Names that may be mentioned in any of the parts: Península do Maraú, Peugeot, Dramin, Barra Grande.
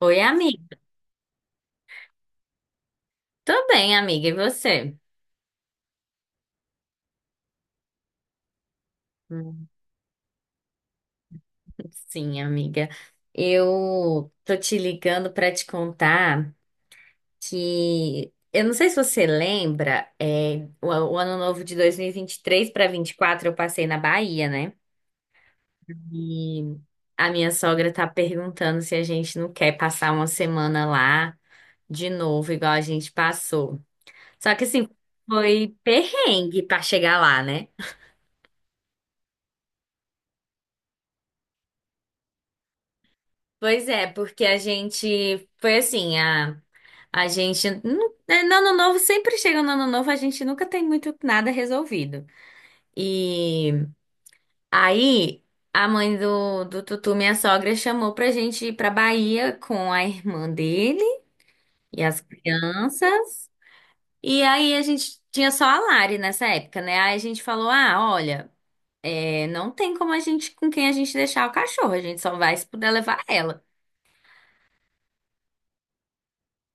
Oi, amiga. Tô bem, amiga. E você? Hum. Sim, amiga. Eu tô te ligando pra te contar que eu não sei se você lembra, o ano novo de dois mil e vinte e três para 24 eu passei na Bahia, né? E a minha sogra tá perguntando se a gente não quer passar uma semana lá de novo, igual a gente passou. Só que assim, foi perrengue pra chegar lá, né? Pois é, porque a gente foi assim, a gente. Não é, no ano novo, sempre chega no ano novo, a gente nunca tem muito nada resolvido. E aí, a mãe do Tutu, minha sogra, chamou pra gente ir pra Bahia com a irmã dele e as crianças. E aí, a gente tinha só a Lari nessa época, né? Aí a gente falou: ah, olha, é, não tem como a gente, com quem a gente deixar o cachorro, a gente só vai se puder levar ela.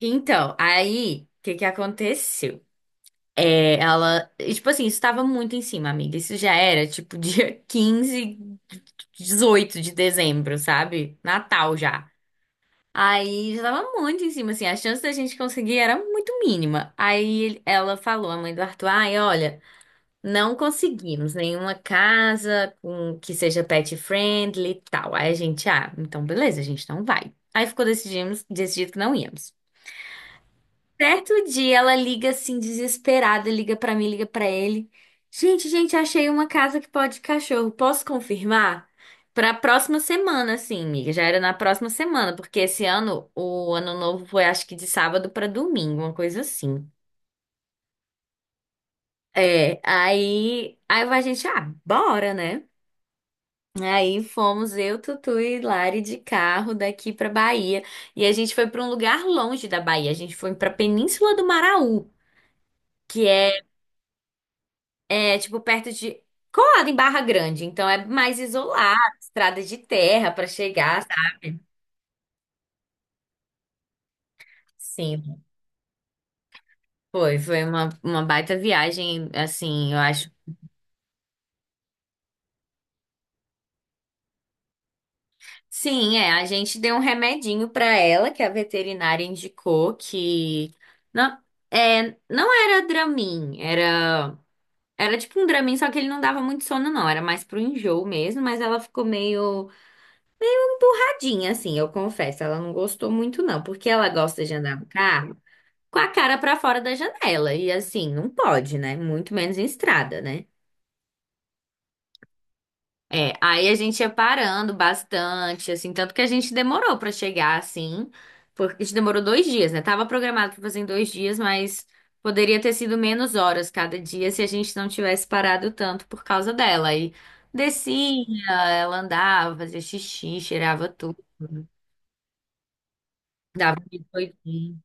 Então, aí, o que que aconteceu? É, ela, e, tipo assim, isso tava muito em cima, amiga. Isso já era, tipo, dia quinze, 18 de dezembro, sabe? Natal já. Aí já tava muito em cima, assim, a chance da gente conseguir era muito mínima. Aí ela falou, a mãe do Arthur, ai, olha, não conseguimos nenhuma casa com que seja pet friendly e tal. Aí a gente, ah, então beleza, a gente não vai. Aí ficou decidido que não íamos. Certo dia ela liga assim, desesperada, liga pra mim, liga pra ele. Gente, gente, achei uma casa que pode cachorro. Posso confirmar? Pra próxima semana, assim, amiga. Já era na próxima semana, porque esse ano, o ano novo foi acho que de sábado pra domingo, uma coisa assim. É, aí a gente, ah, bora, né? Aí fomos eu, Tutu e Lari de carro daqui pra Bahia. E a gente foi pra um lugar longe da Bahia. A gente foi pra Península do Maraú, que é é, tipo, perto de. Colado em Barra Grande. Então é mais isolado, estrada de terra pra chegar, sabe? Sim, foi. Foi uma baita viagem, assim, eu acho. Sim, é. A gente deu um remedinho pra ela, que a veterinária indicou que. Não, é, não era Dramin, era. Era tipo um Dramin, só que ele não dava muito sono, não. Era mais pro enjoo mesmo, mas ela ficou meio tadinha, assim, eu confesso. Ela não gostou muito, não, porque ela gosta de andar no carro com a cara pra fora da janela. E assim, não pode, né? Muito menos em estrada, né? É, aí a gente ia parando bastante, assim, tanto que a gente demorou pra chegar, assim, porque a gente demorou dois dias, né? Tava programado pra fazer em dois dias, mas poderia ter sido menos horas cada dia se a gente não tivesse parado tanto por causa dela. Aí descia, ela andava, fazia xixi, cheirava tudo, dava biscoitinho.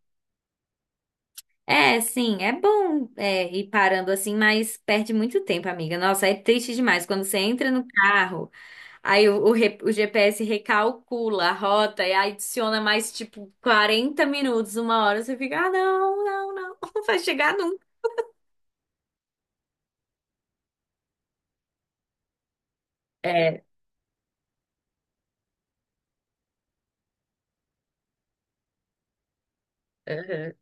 É, sim, é bom, é, ir parando assim, mas perde muito tempo, amiga. Nossa, é triste demais quando você entra no carro, aí o GPS recalcula a rota e aí adiciona mais tipo 40 minutos, uma hora, você fica, ah, não, não vai chegar nunca. É, uhum.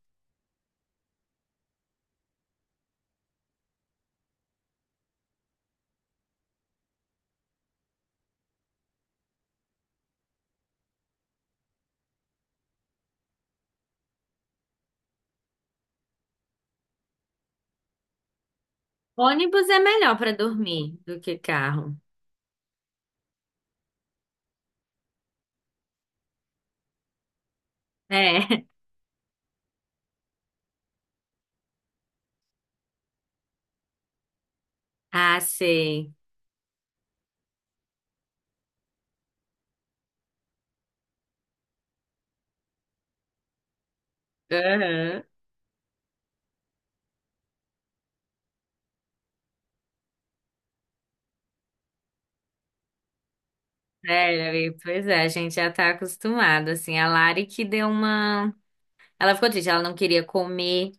Ônibus é melhor para dormir do que carro. É, ah, sei. Uhum. É, amiga, pois é, a gente já tá acostumado, assim, a Lari que deu uma... Ela ficou triste, ela não queria comer.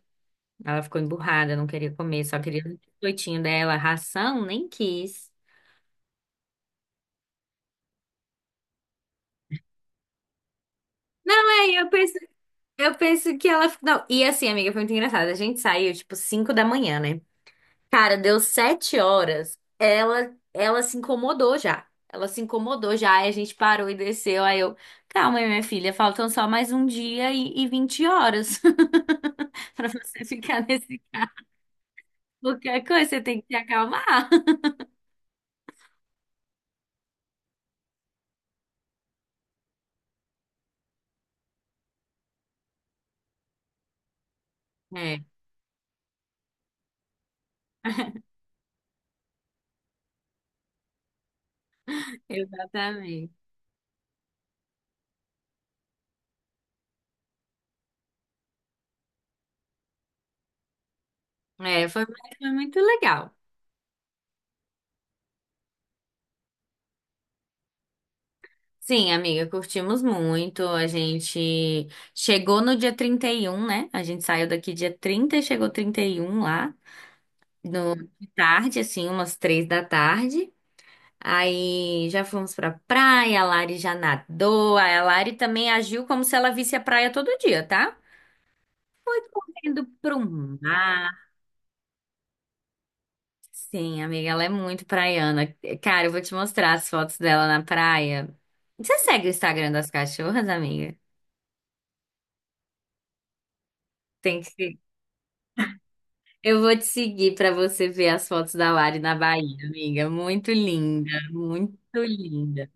Ela ficou emburrada, não queria comer, só queria o biscoitinho dela. Ração, nem quis. Não, é, eu penso que ela. Não, e assim, amiga, foi muito engraçado. A gente saiu, tipo, 5 da manhã, né? Cara, deu 7 horas. Ela se incomodou já. Ela se incomodou já. Aí a gente parou e desceu. Aí eu, calma aí, minha filha, faltam só mais um dia e 20 horas pra você ficar nesse carro. Qualquer coisa, você tem que se acalmar. É, exatamente. É, foi muito legal. Sim, amiga, curtimos muito. A gente chegou no dia 31, né? A gente saiu daqui dia 30 e chegou 31 lá, no de tarde, assim, umas três da tarde. Aí já fomos pra praia, a Lari já nadou. Aí a Lari também agiu como se ela visse a praia todo dia, tá? Indo pro mar. Sim, amiga, ela é muito praiana. Cara, eu vou te mostrar as fotos dela na praia. Você segue o Instagram das cachorras, amiga? Tem que. Eu vou te seguir para você ver as fotos da Lari na Bahia, amiga. Muito linda, muito linda.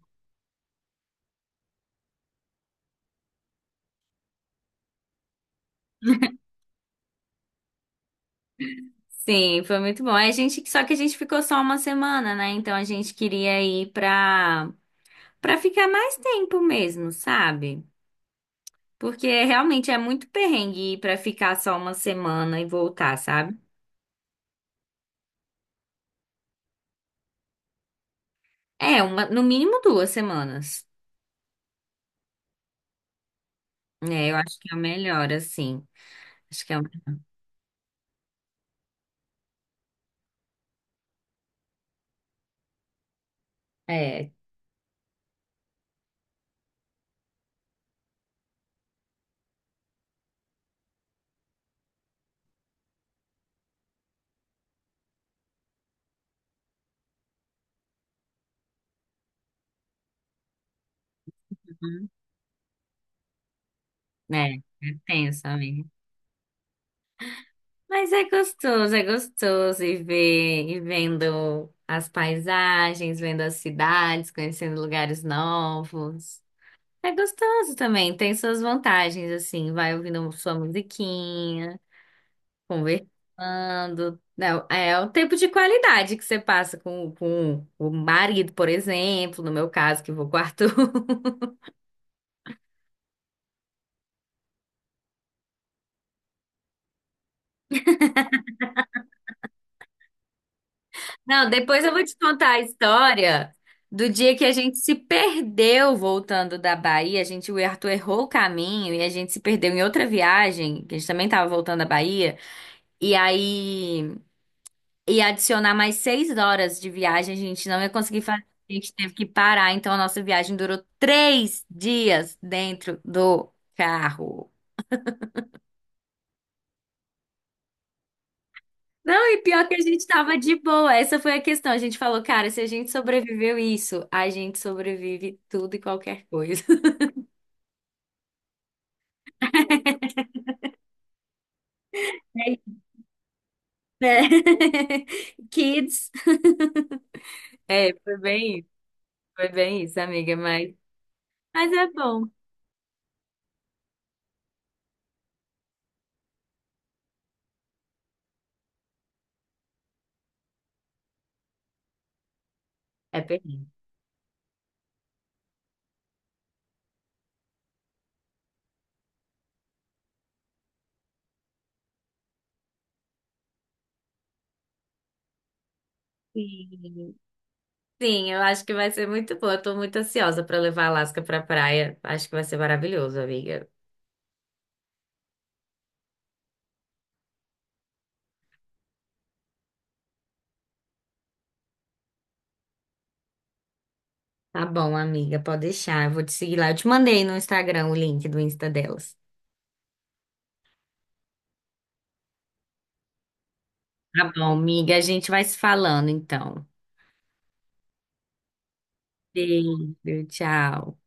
Sim, foi muito bom. É, a gente, só que a gente ficou só uma semana, né? Então a gente queria ir para ficar mais tempo mesmo, sabe? Porque realmente é muito perrengue ir para ficar só uma semana e voltar, sabe? É, uma, no mínimo duas semanas. É, eu acho que é o melhor, assim. Acho que é, o- é, uhum. É tenso, amiga. Mas é gostoso e ver, e vendo as paisagens, vendo as cidades, conhecendo lugares novos. É gostoso também, tem suas vantagens, assim, vai ouvindo sua musiquinha, conversando. Não, é o tempo de qualidade que você passa com o marido, por exemplo, no meu caso, que vou com o Arthur. Não, depois eu vou te contar a história do dia que a gente se perdeu voltando da Bahia. A gente, o Arthur errou o caminho e a gente se perdeu em outra viagem, que a gente também estava voltando da Bahia. E aí ia adicionar mais seis horas de viagem, a gente não ia conseguir fazer. A gente teve que parar, então a nossa viagem durou três dias dentro do carro. Não, e pior que a gente tava de boa. Essa foi a questão. A gente falou, cara, se a gente sobreviveu isso, a gente sobrevive tudo e qualquer coisa. Né? Kids. É, foi bem isso, amiga, mas é bom. É perrengue. Sim, Sim, eu acho que vai ser muito bom. Eu tô muito ansiosa pra levar a Alaska pra praia. Acho que vai ser maravilhoso, amiga. Tá bom, amiga, pode deixar. Eu vou te seguir lá. Eu te mandei no Instagram o link do Insta delas. Tá bom, amiga, a gente vai se falando então. Beijo, tchau.